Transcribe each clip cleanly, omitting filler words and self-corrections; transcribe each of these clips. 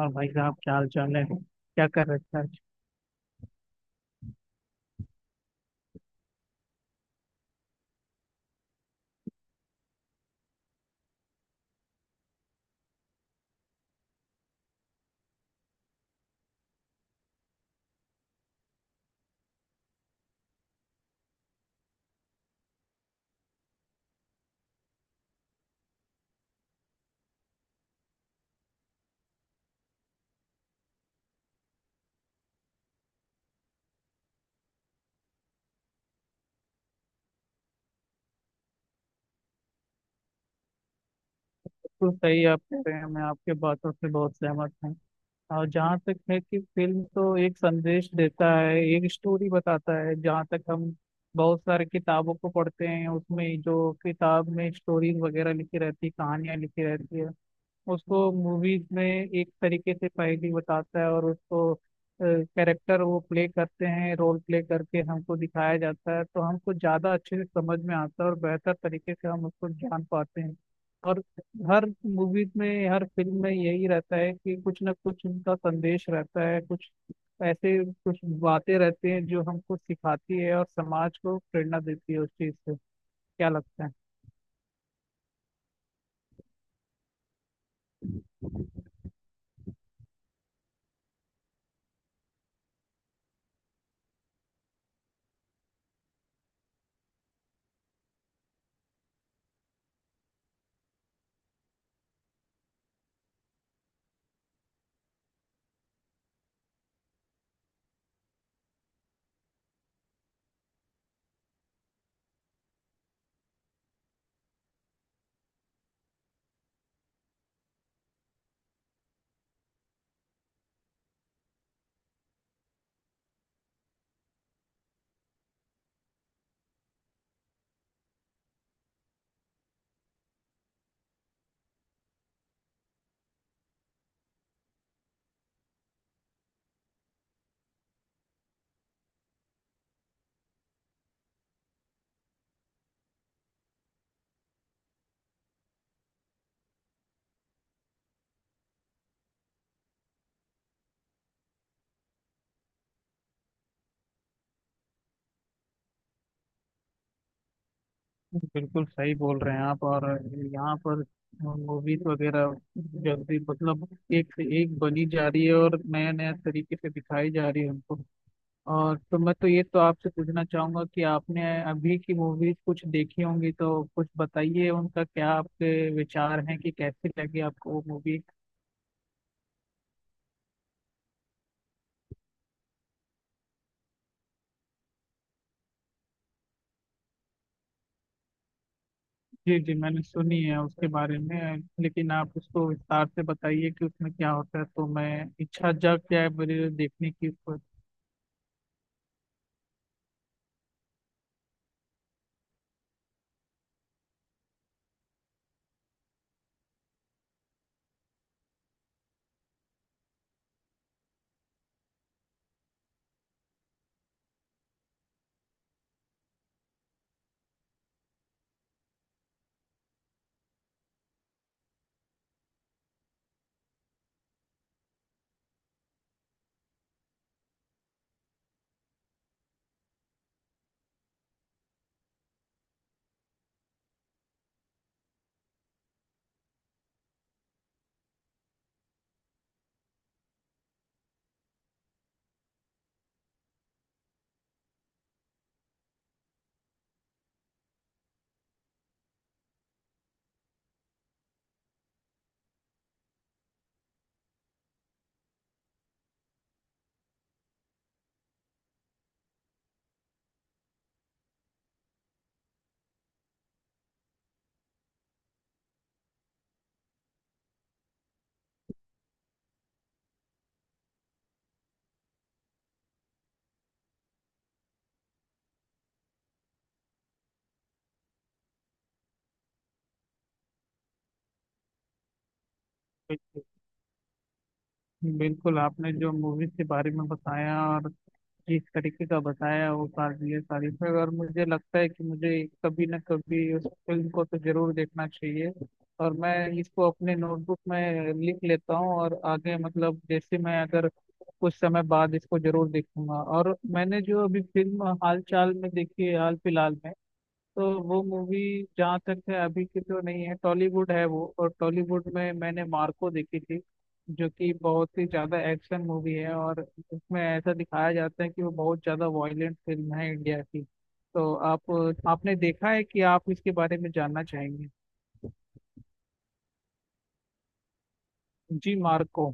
और भाई साहब क्या हाल चाल है, क्या कर रखा है। बिल्कुल सही आप कह रहे हैं, मैं आपके बातों से बहुत सहमत हूँ। और जहाँ तक है कि फिल्म तो एक संदेश देता है, एक स्टोरी बताता है। जहाँ तक हम बहुत सारे किताबों को पढ़ते हैं, उसमें जो किताब में स्टोरीज वगैरह लिखी रहती है, कहानियाँ लिखी रहती है, उसको मूवीज में एक तरीके से पहेली बताता है। और उसको कैरेक्टर वो प्ले करते हैं, रोल प्ले करके हमको दिखाया जाता है, तो हमको ज़्यादा अच्छे से समझ में आता है और बेहतर तरीके से हम उसको जान पाते हैं। और हर मूवीज में, हर फिल्म में यही रहता है कि कुछ ना कुछ उनका संदेश रहता है, कुछ ऐसे कुछ बातें रहती हैं जो हमको सिखाती है और समाज को प्रेरणा देती है उस चीज़ से। क्या लगता है। बिल्कुल सही बोल रहे हैं आप। और यहाँ पर मूवीज वगैरह जल्दी मतलब एक से एक बनी जा रही है और नया नया तरीके से दिखाई जा रही है हमको। और तो मैं तो ये तो आपसे पूछना चाहूंगा कि आपने अभी की मूवीज कुछ देखी होंगी तो कुछ बताइए, उनका क्या आपके विचार हैं कि कैसी लगी आपको वो मूवी। जी जी, मैंने सुनी है उसके बारे में, लेकिन आप उसको विस्तार से बताइए कि उसमें क्या होता है, तो मैं, इच्छा जाग जाए मेरी देखने की। बिल्कुल, आपने जो मूवीज के बारे में बताया और जिस तरीके का बताया वो काबिल तारीफ है, और मुझे लगता है कि मुझे कभी ना कभी उस फिल्म को तो जरूर देखना चाहिए। और मैं इसको अपने नोटबुक में लिख लेता हूँ, और आगे मतलब जैसे मैं अगर कुछ समय बाद इसको जरूर देखूंगा। और मैंने जो अभी फिल्म हाल चाल में देखी है, हाल फिलहाल में, तो वो मूवी जहाँ तक है अभी की तो नहीं है, टॉलीवुड है वो। और टॉलीवुड में मैंने मार्को देखी थी, जो कि बहुत ही ज्यादा एक्शन मूवी है और उसमें ऐसा दिखाया जाता है कि वो बहुत ज्यादा वायलेंट फिल्म है इंडिया की। तो आप, आपने देखा है कि आप इसके बारे में जानना चाहेंगे। जी, मार्को।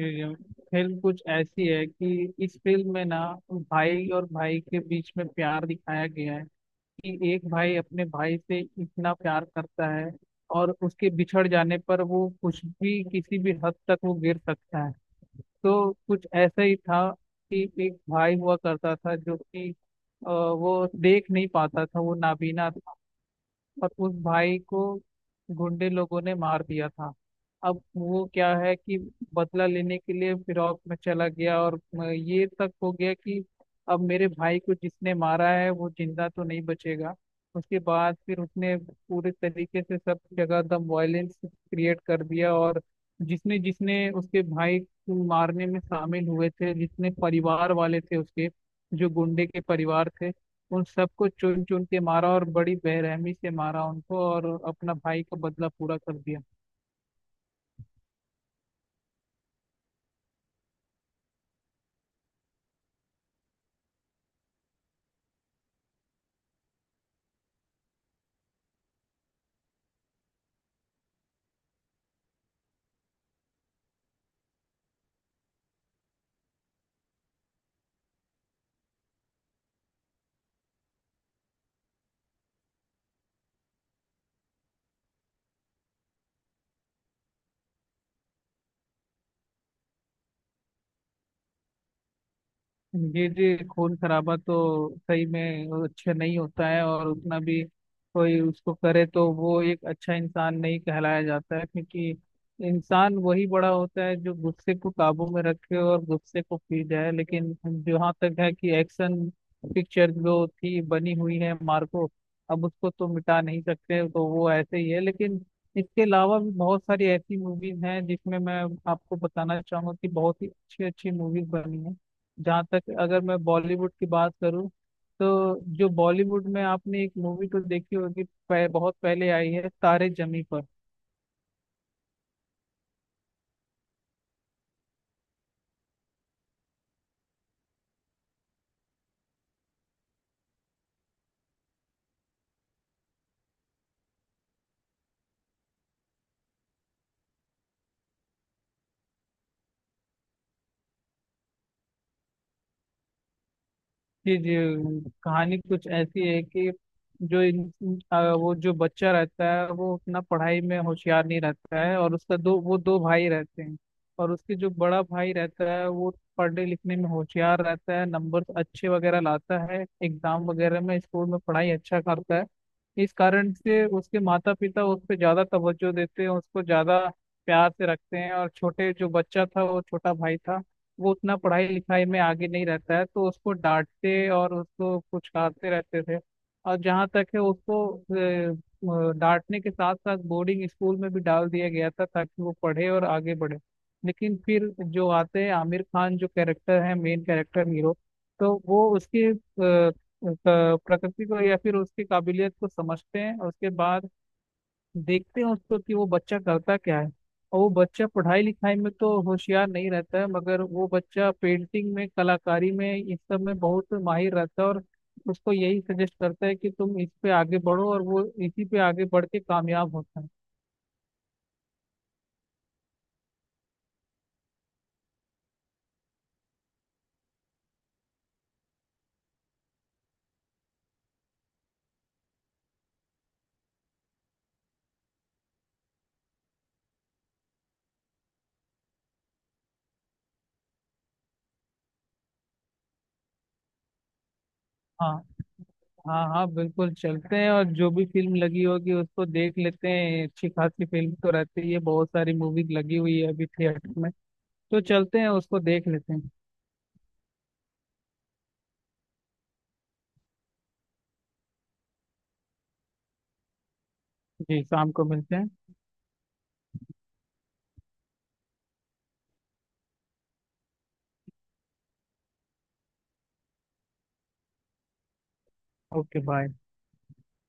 फिल्म कुछ ऐसी है कि इस फिल्म में ना, भाई और भाई के बीच में प्यार दिखाया गया है कि एक भाई अपने भाई से इतना प्यार करता है, और उसके बिछड़ जाने पर वो कुछ भी किसी भी हद तक वो गिर सकता है। तो कुछ ऐसा ही था कि एक भाई हुआ करता था जो कि वो देख नहीं पाता था, वो नाबीना। और उस भाई को गुंडे लोगों ने मार दिया था। अब वो क्या है कि बदला लेने के लिए फिरौत में चला गया और ये तक हो गया कि अब मेरे भाई को जिसने मारा है वो जिंदा तो नहीं बचेगा। उसके बाद फिर उसने पूरे तरीके से सब जगह दम वायलेंस क्रिएट कर दिया, और जिसने जिसने उसके भाई को मारने में शामिल हुए थे, जितने परिवार वाले थे उसके, जो गुंडे के परिवार थे, उन सबको चुन चुन के मारा और बड़ी बेरहमी से मारा उनको, और अपना भाई का बदला पूरा कर दिया। जी जी, खून खराबा तो सही में वो अच्छा नहीं होता है। और उतना भी कोई उसको करे तो वो एक अच्छा इंसान नहीं कहलाया जाता है, क्योंकि इंसान वही बड़ा होता है जो गुस्से को काबू में रखे और गुस्से को पी जाए। लेकिन जहाँ तक है कि एक्शन पिक्चर जो थी बनी हुई है मार्को, अब उसको तो मिटा नहीं सकते, तो वो ऐसे ही है। लेकिन इसके अलावा भी बहुत सारी ऐसी मूवीज हैं जिसमें मैं आपको बताना चाहूंगा कि बहुत ही अच्छी अच्छी मूवीज बनी हैं। जहाँ तक अगर मैं बॉलीवुड की बात करूँ, तो जो बॉलीवुड में आपने एक मूवी तो देखी होगी, बहुत पहले आई है, तारे जमी पर। जी जी, कहानी कुछ ऐसी है कि जो इन इन- आ, वो जो बच्चा रहता है वो अपना पढ़ाई में होशियार नहीं रहता है, और उसका दो, वो दो भाई रहते हैं। और उसके जो बड़ा भाई रहता है वो पढ़ने लिखने में होशियार रहता है, नंबर अच्छे वगैरह लाता है एग्जाम वगैरह में, स्कूल में पढ़ाई अच्छा करता है। इस कारण से उसके माता पिता उस पर ज्यादा तवज्जो देते हैं, उसको ज्यादा प्यार से रखते हैं। और छोटे जो बच्चा था, वो छोटा भाई था, वो उतना पढ़ाई लिखाई में आगे नहीं रहता है, तो उसको डांटते और उसको कुचलाते रहते थे। और जहाँ तक है उसको डांटने के साथ साथ बोर्डिंग स्कूल में भी डाल दिया गया था ताकि वो पढ़े और आगे बढ़े। लेकिन फिर जो आते हैं आमिर खान, जो कैरेक्टर है मेन कैरेक्टर हीरो, तो वो उसके अ, प्रकृति को या फिर उसकी काबिलियत को समझते हैं। उसके बाद देखते हैं उसको कि वो बच्चा करता क्या है। और वो बच्चा पढ़ाई लिखाई में तो होशियार नहीं रहता है, मगर वो बच्चा पेंटिंग में कलाकारी में इस सब में बहुत माहिर रहता है, और उसको यही सजेस्ट करता है कि तुम इस पे आगे बढ़ो, और वो इसी पे आगे बढ़ के कामयाब होता है। हाँ हाँ हाँ, बिल्कुल चलते हैं, और जो भी फिल्म लगी होगी उसको देख लेते हैं। अच्छी खासी फिल्म तो रहती है, बहुत सारी मूवीज लगी हुई है अभी थिएटर में, तो चलते हैं उसको देख लेते हैं। जी, शाम को मिलते हैं। Okay bye.